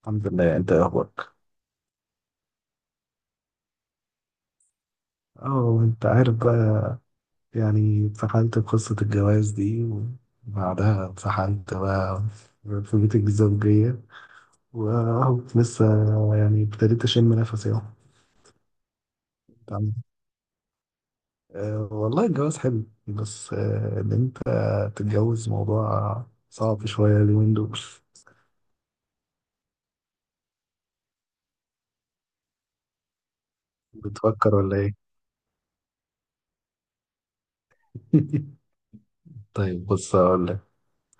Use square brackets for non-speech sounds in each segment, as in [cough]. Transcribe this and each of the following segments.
الحمد لله، انت ايه اخبارك؟ اه، انت عارف بقى، يعني اتسحلت في قصة الجواز دي، وبعدها اتسحلت بقى في بيت الزوجية، واهو لسه يعني ابتديت اشم نفسي اهو. تمام. اه والله الجواز حلو، بس اه ان انت تتجوز موضوع صعب شوية اليومين دول. بتفكر ولا ايه؟ [laughs] طيب بص اقول لك.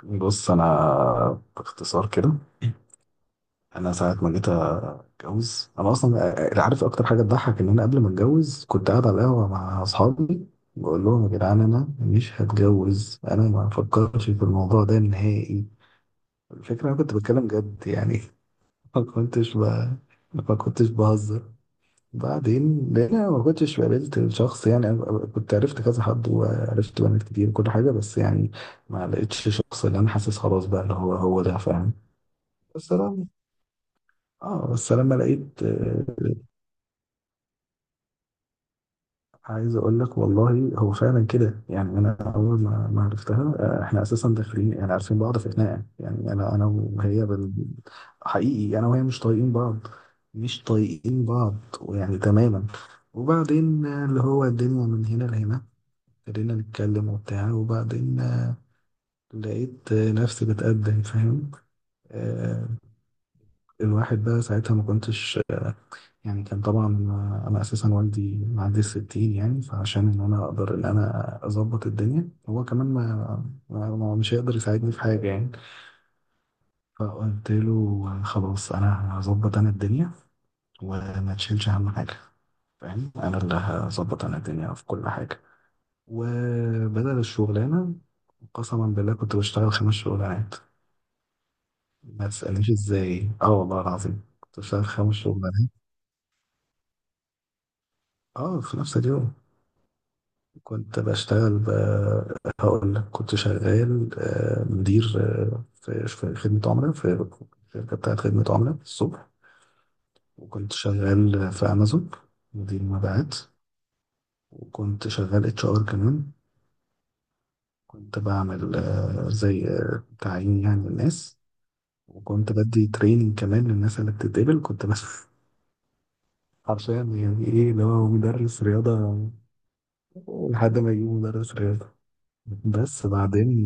بص انا باختصار كده، انا ساعة ما جيت اتجوز انا اصلا، عارف اكتر حاجه تضحك؟ ان انا قبل ما اتجوز كنت قاعد على القهوه مع اصحابي بقول لهم: يا جدعان انا مش هتجوز، انا ما بفكرش في الموضوع ده نهائي. الفكره انا كنت بتكلم جد يعني. [laughs] ما كنتش ب... ما كنتش بهزر. بعدين لان انا ما كنتش قابلت الشخص، يعني أنا كنت عرفت كذا حد وعرفت بنات كتير وكل حاجه، بس يعني ما لقيتش شخص اللي انا حاسس خلاص بقى اللي هو هو ده، فاهم؟ بس انا اه بس لما لقيت، عايز اقول لك والله هو فعلا كده يعني. انا اول ما عرفتها احنا اساسا داخلين يعني عارفين بعض في خناقه، يعني انا وهي حقيقي انا وهي مش طايقين بعض، مش طايقين بعض، ويعني تماما. وبعدين اللي هو الدنيا من هنا لهنا ابتدينا نتكلم وبتاع، وبعدين لقيت نفسي بتقدم، فاهم؟ آه، الواحد بقى ساعتها ما كنتش، يعني كان طبعا انا اساسا والدي معدي 60، يعني فعشان ان انا اقدر ان انا اظبط الدنيا، هو كمان مش هيقدر يساعدني في حاجه يعني. فقلت له: خلاص انا هظبط انا الدنيا، وما تشيلش اهم حاجه، فاهم؟ انا اللي هظبط انا الدنيا في كل حاجه. وبدل الشغلانه، قسما بالله كنت بشتغل خمس شغلانات. ما تسألنيش ازاي، اه والله العظيم كنت بشتغل خمس شغلانات. اه في نفس اليوم. كنت بشتغل ب... هقول لك، كنت شغال مدير في خدمة عملاء، في الشركة بتاعت خدمة عملاء الصبح. وكنت شغال في أمازون مدير مبيعات. وكنت شغال اتش ار كمان، كنت بعمل زي تعيين يعني الناس. وكنت بدي تريننج كمان للناس اللي بتتقبل، كنت بس [laughs] حرفيا يعني ايه اللي هو مدرس رياضة، لحد ما يجيبوا مدرس رياضة. بس بعدين،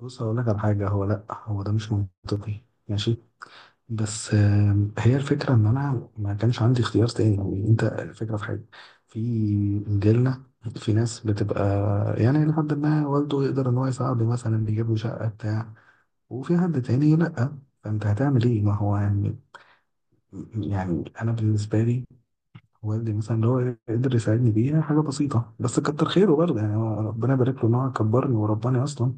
بص هقول لك على حاجة، هو لأ هو ده مش منطقي، ماشي، بس هي الفكرة إن أنا ما كانش عندي اختيار تاني يعني. أنت الفكرة في حاجة، في جيلنا في ناس بتبقى يعني لحد ما والده يقدر إن هو يساعده، مثلا بيجيب له شقة بتاع وفي حد تاني لأ. فأنت هتعمل إيه؟ ما هو يعني، يعني أنا بالنسبة لي والدي مثلا اللي هو قدر يساعدني بيها حاجة بسيطة، بس كتر خيره برضه يعني، هو ربنا يبارك له إن هو كبرني ورباني أصلا.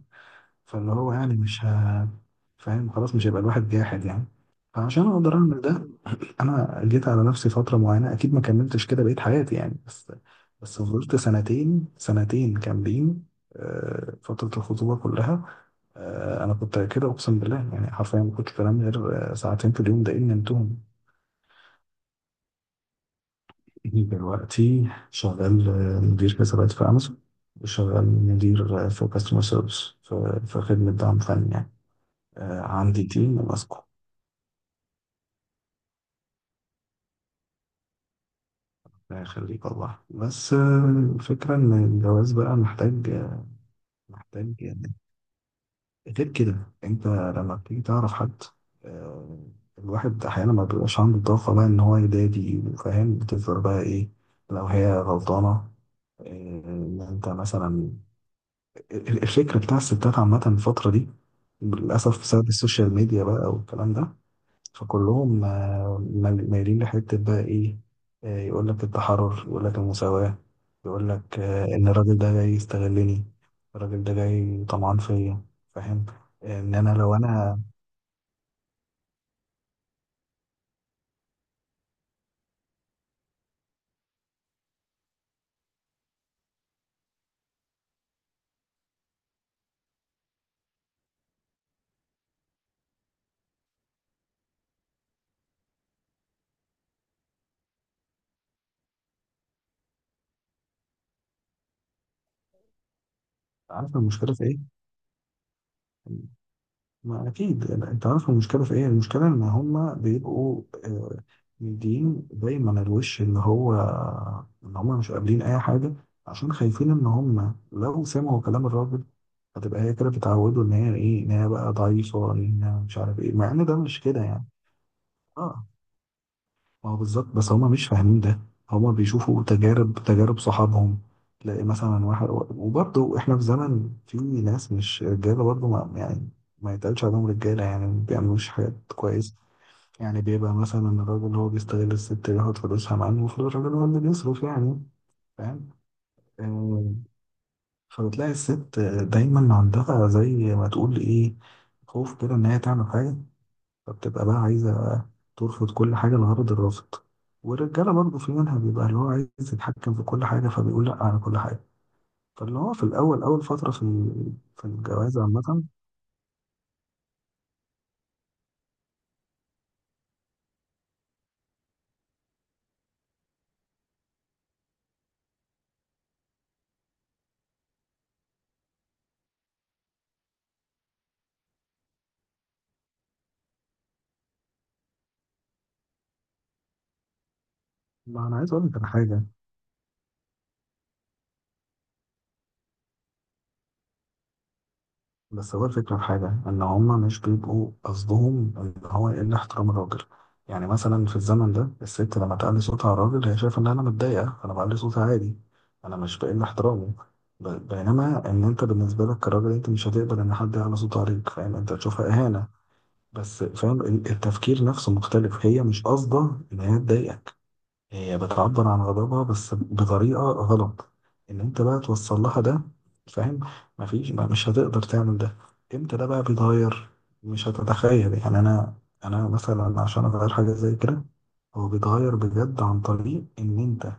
فاللي هو يعني مش ه... فاهم، خلاص مش هيبقى الواحد جاحد يعني. فعشان اقدر اعمل ده، انا جيت على نفسي فتره معينه، اكيد ما كملتش كده بقيت حياتي يعني، بس بس فضلت سنتين، سنتين كاملين، فتره الخطوبه كلها انا كنت كده اقسم بالله يعني، حرفيا ما كنتش بنام غير ساعتين في اليوم، ده ان نمتهم. دلوقتي شغال مدير حسابات في امازون. وشغال مدير في كاستمر سيرفيس، في خدمه دعم فني يعني، عندي تيم ماسكه. لا يخليك والله. بس الفكرة إن الجواز بقى محتاج، محتاج يعني، غير كده أنت لما بتيجي تعرف حد، آه، الواحد أحيانا ما بيبقاش عنده الطاقة بقى إن هو يدادي وفاهم، بتفضل بقى إيه؟ لو هي غلطانة، آه، إن أنت مثلا، الفكرة بتاع الستات عامة الفترة دي للأسف بسبب السوشيال ميديا بقى والكلام ده، فكلهم مايلين لحتة بقى إيه، يقول لك التحرر، يقول لك المساواة، يقول لك إن الراجل ده جاي يستغلني، الراجل ده جاي طمعان فيا، فاهم؟ إن أنا لو أنا، عارف المشكلة في إيه؟ ما أكيد أنت عارف المشكلة في إيه. المشكلة إن هما بيبقوا مدين دايما الوش، اللي هو إن هما مش قابلين أي حاجة، عشان خايفين إن هما لو سمعوا كلام الراجل هتبقى هي كده، بتعودوا إن هي إيه، إن هي بقى ضعيفة، إن هي مش عارف إيه، مع إن ده مش كده يعني. آه، ما هو بالظبط، بس هما مش فاهمين ده. هما بيشوفوا تجارب صحابهم، تلاقي مثلا واحد، وبرضه احنا في زمن في ناس مش رجاله برضه، ما يعني ما يتقالش عليهم رجاله يعني، ما بيعملوش حاجات كويس. يعني بيبقى مثلا الراجل هو بيستغل الست، بياخد فلوسها، مع انه المفروض الراجل هو اللي بيصرف يعني، فاهم؟ آه، فبتلاقي الست دايما عندها زي ما تقول ايه، خوف كده ان هي تعمل حاجه، فبتبقى بقى عايزة ترفض كل حاجة لغرض الرفض. والرجالة برضه في منها بيبقى اللي هو عايز يتحكم في كل حاجة، فبيقول لأ على كل حاجة. فاللي هو في الأول، أول فترة في في الجواز عامة، ما أنا عايز أقول لك على حاجة، بس هو الفكرة في حاجة إن هما مش بيبقوا قصدهم إن هو إلا احترام الراجل. يعني مثلا في الزمن ده، الست لما تعلي صوتها على الراجل، هي شايفة إن أنا متضايقة فأنا بعلي صوتي عادي، أنا مش بقل احترامه. بينما إن أنت بالنسبة لك كراجل، أنت مش هتقبل إن حد يعلي صوته عليك، فاهم؟ أنت هتشوفها إهانة. بس فاهم التفكير نفسه مختلف، هي مش قصده إن هي تضايقك، هي بتعبر عن غضبها بس بطريقة غلط، ان انت بقى توصل لها ده، فاهم؟ مفيش، ما مش هتقدر تعمل ده. امتى ده بقى بيتغير؟ مش هتتخيل يعني. انا مثلا عشان اغير حاجة زي كده، هو بيتغير بجد عن طريق ان انت،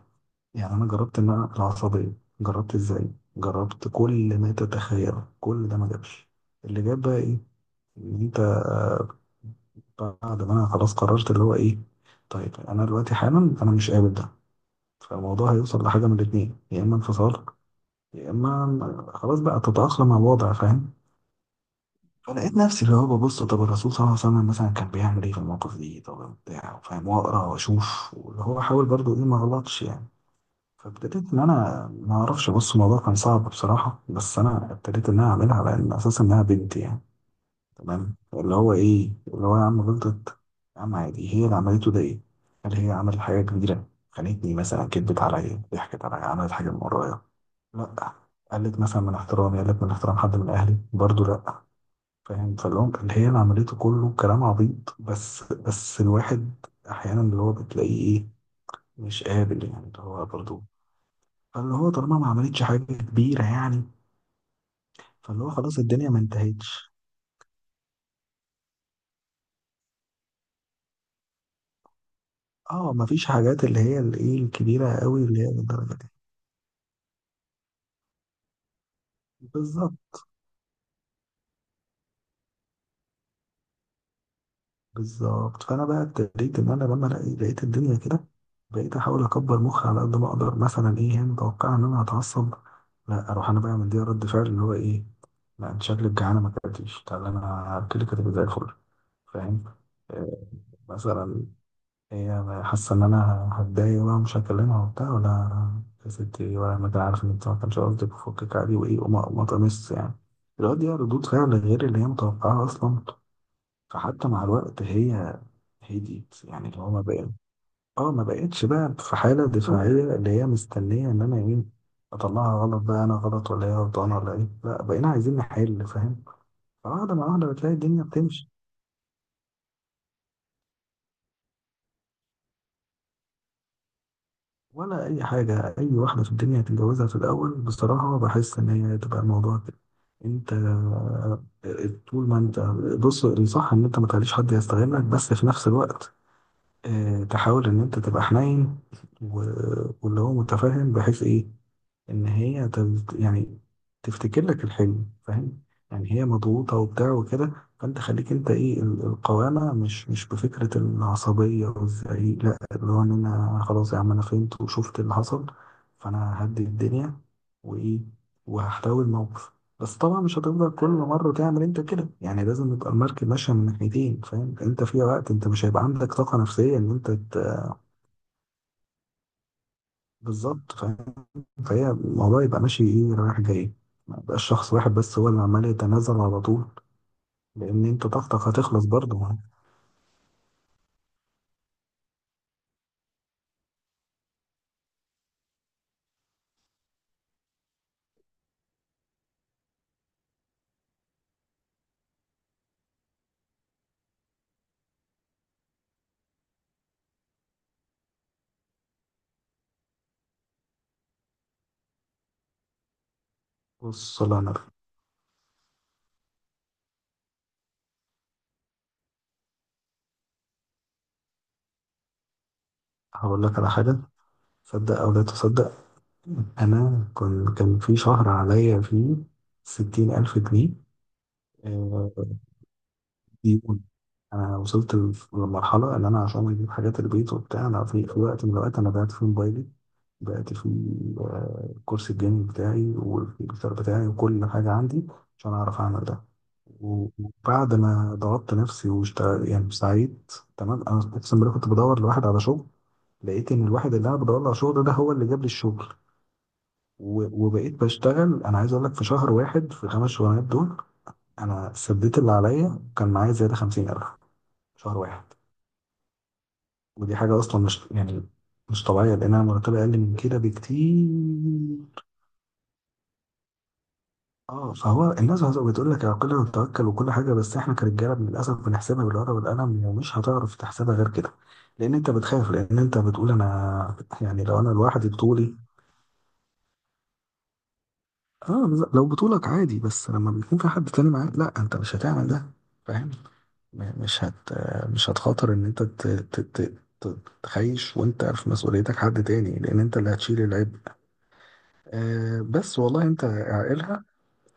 يعني انا جربت ان انا العصبية، جربت ازاي، جربت كل ما تتخيله، كل ده ما جابش. اللي جاب بقى ايه؟ ان انت بعد ما انا خلاص قررت اللي هو ايه، طيب انا دلوقتي حالا انا مش قابل ده، فالموضوع هيوصل لحاجة من الاتنين، يا إما انفصال، يا إما خلاص بقى تتأقلم مع الوضع، فاهم؟ فلقيت نفسي اللي هو ببص طب الرسول صلى الله عليه وسلم مثلا كان بيعمل إيه في المواقف دي، طب بتاع فاهم، وأقرأ وأشوف، واللي هو حاول برضه إيه، ما غلطش يعني. فابتديت إن أنا ما أعرفش، بص الموضوع كان صعب بصراحة، بس أنا ابتديت إن أنا أعملها على إن أساس إنها بنتي يعني، تمام؟ اللي هو إيه اللي هو، يا عم غلطت، يا عم عادي، هي اللي عملته ده إيه؟ هل هي عملت حاجة كبيرة؟ خانتني مثلا؟ كدبت عليا؟ ضحكت عليا؟ عملت حاجة من ورايا؟ لا. قلت مثلا من احترامي؟ قلت من احترام حد من اهلي برضو؟ لا. فاهم؟ فاللي، اللي هي اللي عملته كله كلام عبيط بس، بس الواحد احيانا اللي هو بتلاقيه ايه، مش قابل يعني اللي هو برضو. فاللي هو طالما ما عملتش حاجه كبيره يعني، فاللي هو خلاص الدنيا ما انتهتش. اه ما فيش حاجات اللي هي الايه، الكبيره قوي اللي هي للدرجه دي. بالظبط، بالظبط. فانا بقى ابتديت ان انا لما لقيت الدنيا كده، بقيت احاول اكبر مخي على قد ما اقدر. مثلا ايه، هي متوقعه ان انا هتعصب، لا اروح انا بقى مديها رد فعل اللي هو ايه. لا انت شكلك جعانه، ما اكلتيش، تعالى انا هاكلك كده زي الفل، فاهم؟ آه، مثلا هي حاسه ان انا هتضايق بقى مش هكلمها وبتاع، ولا يا ستي، ولا ما أنا عارف ان انت ما كانش قصدك، وفكك عادي وايه، وما، وما تمس يعني. الواد دي ردود فعل غير اللي هي متوقعه اصلا. فحتى مع الوقت هي هديت، يعني اللي هو ما بقى، اه ما بقتش بقى في حالة دفاعية، اللي هي مستنية ان انا ايه، اطلعها غلط بقى، انا غلط ولا هي غلطانة ولا ايه، لا بقينا عايزين نحل، فاهم؟ فواحدة مع واحدة بتلاقي الدنيا بتمشي، ولا اي حاجة. اي واحدة في الدنيا هتتجوزها في الاول بصراحة بحس ان هي تبقى الموضوع كده. انت طول ما انت، بص الصح ان انت ما تخليش حد يستغلك، بس في نفس الوقت تحاول ان انت تبقى حنين، واللي هو متفاهم بحيث ايه، ان هي يعني تفتكر لك الحلم، فاهم؟ يعني هي مضغوطه وبتاع وكده، فانت خليك انت ايه، القوامه مش، بفكره العصبيه والزعيق، لا، اللي هو ان انا خلاص يا عم انا فهمت وشفت اللي حصل، فانا هدي الدنيا وايه، وهحتوي الموقف. بس طبعا مش هتفضل كل مره تعمل انت كده يعني، لازم يبقى المركب ماشيه من ناحيتين، فاهم؟ انت في وقت انت مش هيبقى عندك طاقه نفسيه ان انت بالظبط، فاهم؟ فهي الموضوع يبقى ماشي ايه، رايح جاي، ما يبقاش شخص واحد بس هو اللي عمال يتنازل على طول، لان انت طاقتك هتخلص برضه. بص والله انا هقول لك على حاجه، صدق او لا تصدق، انا كان في شهر عليا فيه 60,000 جنيه آه، ديون. انا وصلت للمرحله اللي انا عشان اجيب حاجات البيت وبتاع، انا في في وقت من الاوقات انا بعت فيه موبايلي، بعت فيه الكورس الجيمنج بتاعي، والكمبيوتر بتاعي، وكل حاجه عندي، عشان اعرف اعمل ده. و- وبعد ما ضغطت نفسي واشتغل يعني سعيد، تمام، انا اقسم بالله كنت بدور لواحد على شغل، لقيت ان الواحد اللي انا بدور له على شغل ده هو اللي جاب لي الشغل. و- وبقيت بشتغل. انا عايز اقول لك، في شهر واحد في الخمس شغلانات دول، انا سديت اللي عليا، كان معايا زياده 50,000، شهر واحد. ودي حاجة أصلا مش يعني، مش طبيعية، لأنها مرتبة أقل من كده بكتير. اه فهو الناس بتقول لك العقل والتوكل وكل حاجة، بس احنا كرجالة للأسف بنحسبها بالورقة والقلم، ومش هتعرف تحسبها غير كده. لأن أنت بتخاف، لأن أنت بتقول أنا، يعني لو أنا لوحدي بطولي، اه، لو بطولك عادي، بس لما بيكون في حد تاني معاك لا، أنت مش هتعمل ده، فاهم؟ م- مش هت مش هتخاطر إن أنت ت- تخيش وأنت في مسؤوليتك حد تاني، لأن أنت اللي هتشيل العبء. آه، بس والله انت عائلها،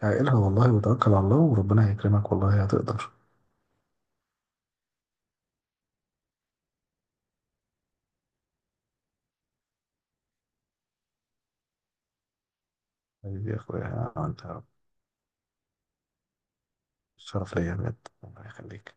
عائلها والله، وتوكل على الله، وربنا هيكرمك والله هتقدر. حبيبي يا اخويا انت، شرف ليا بجد، الله يخليك.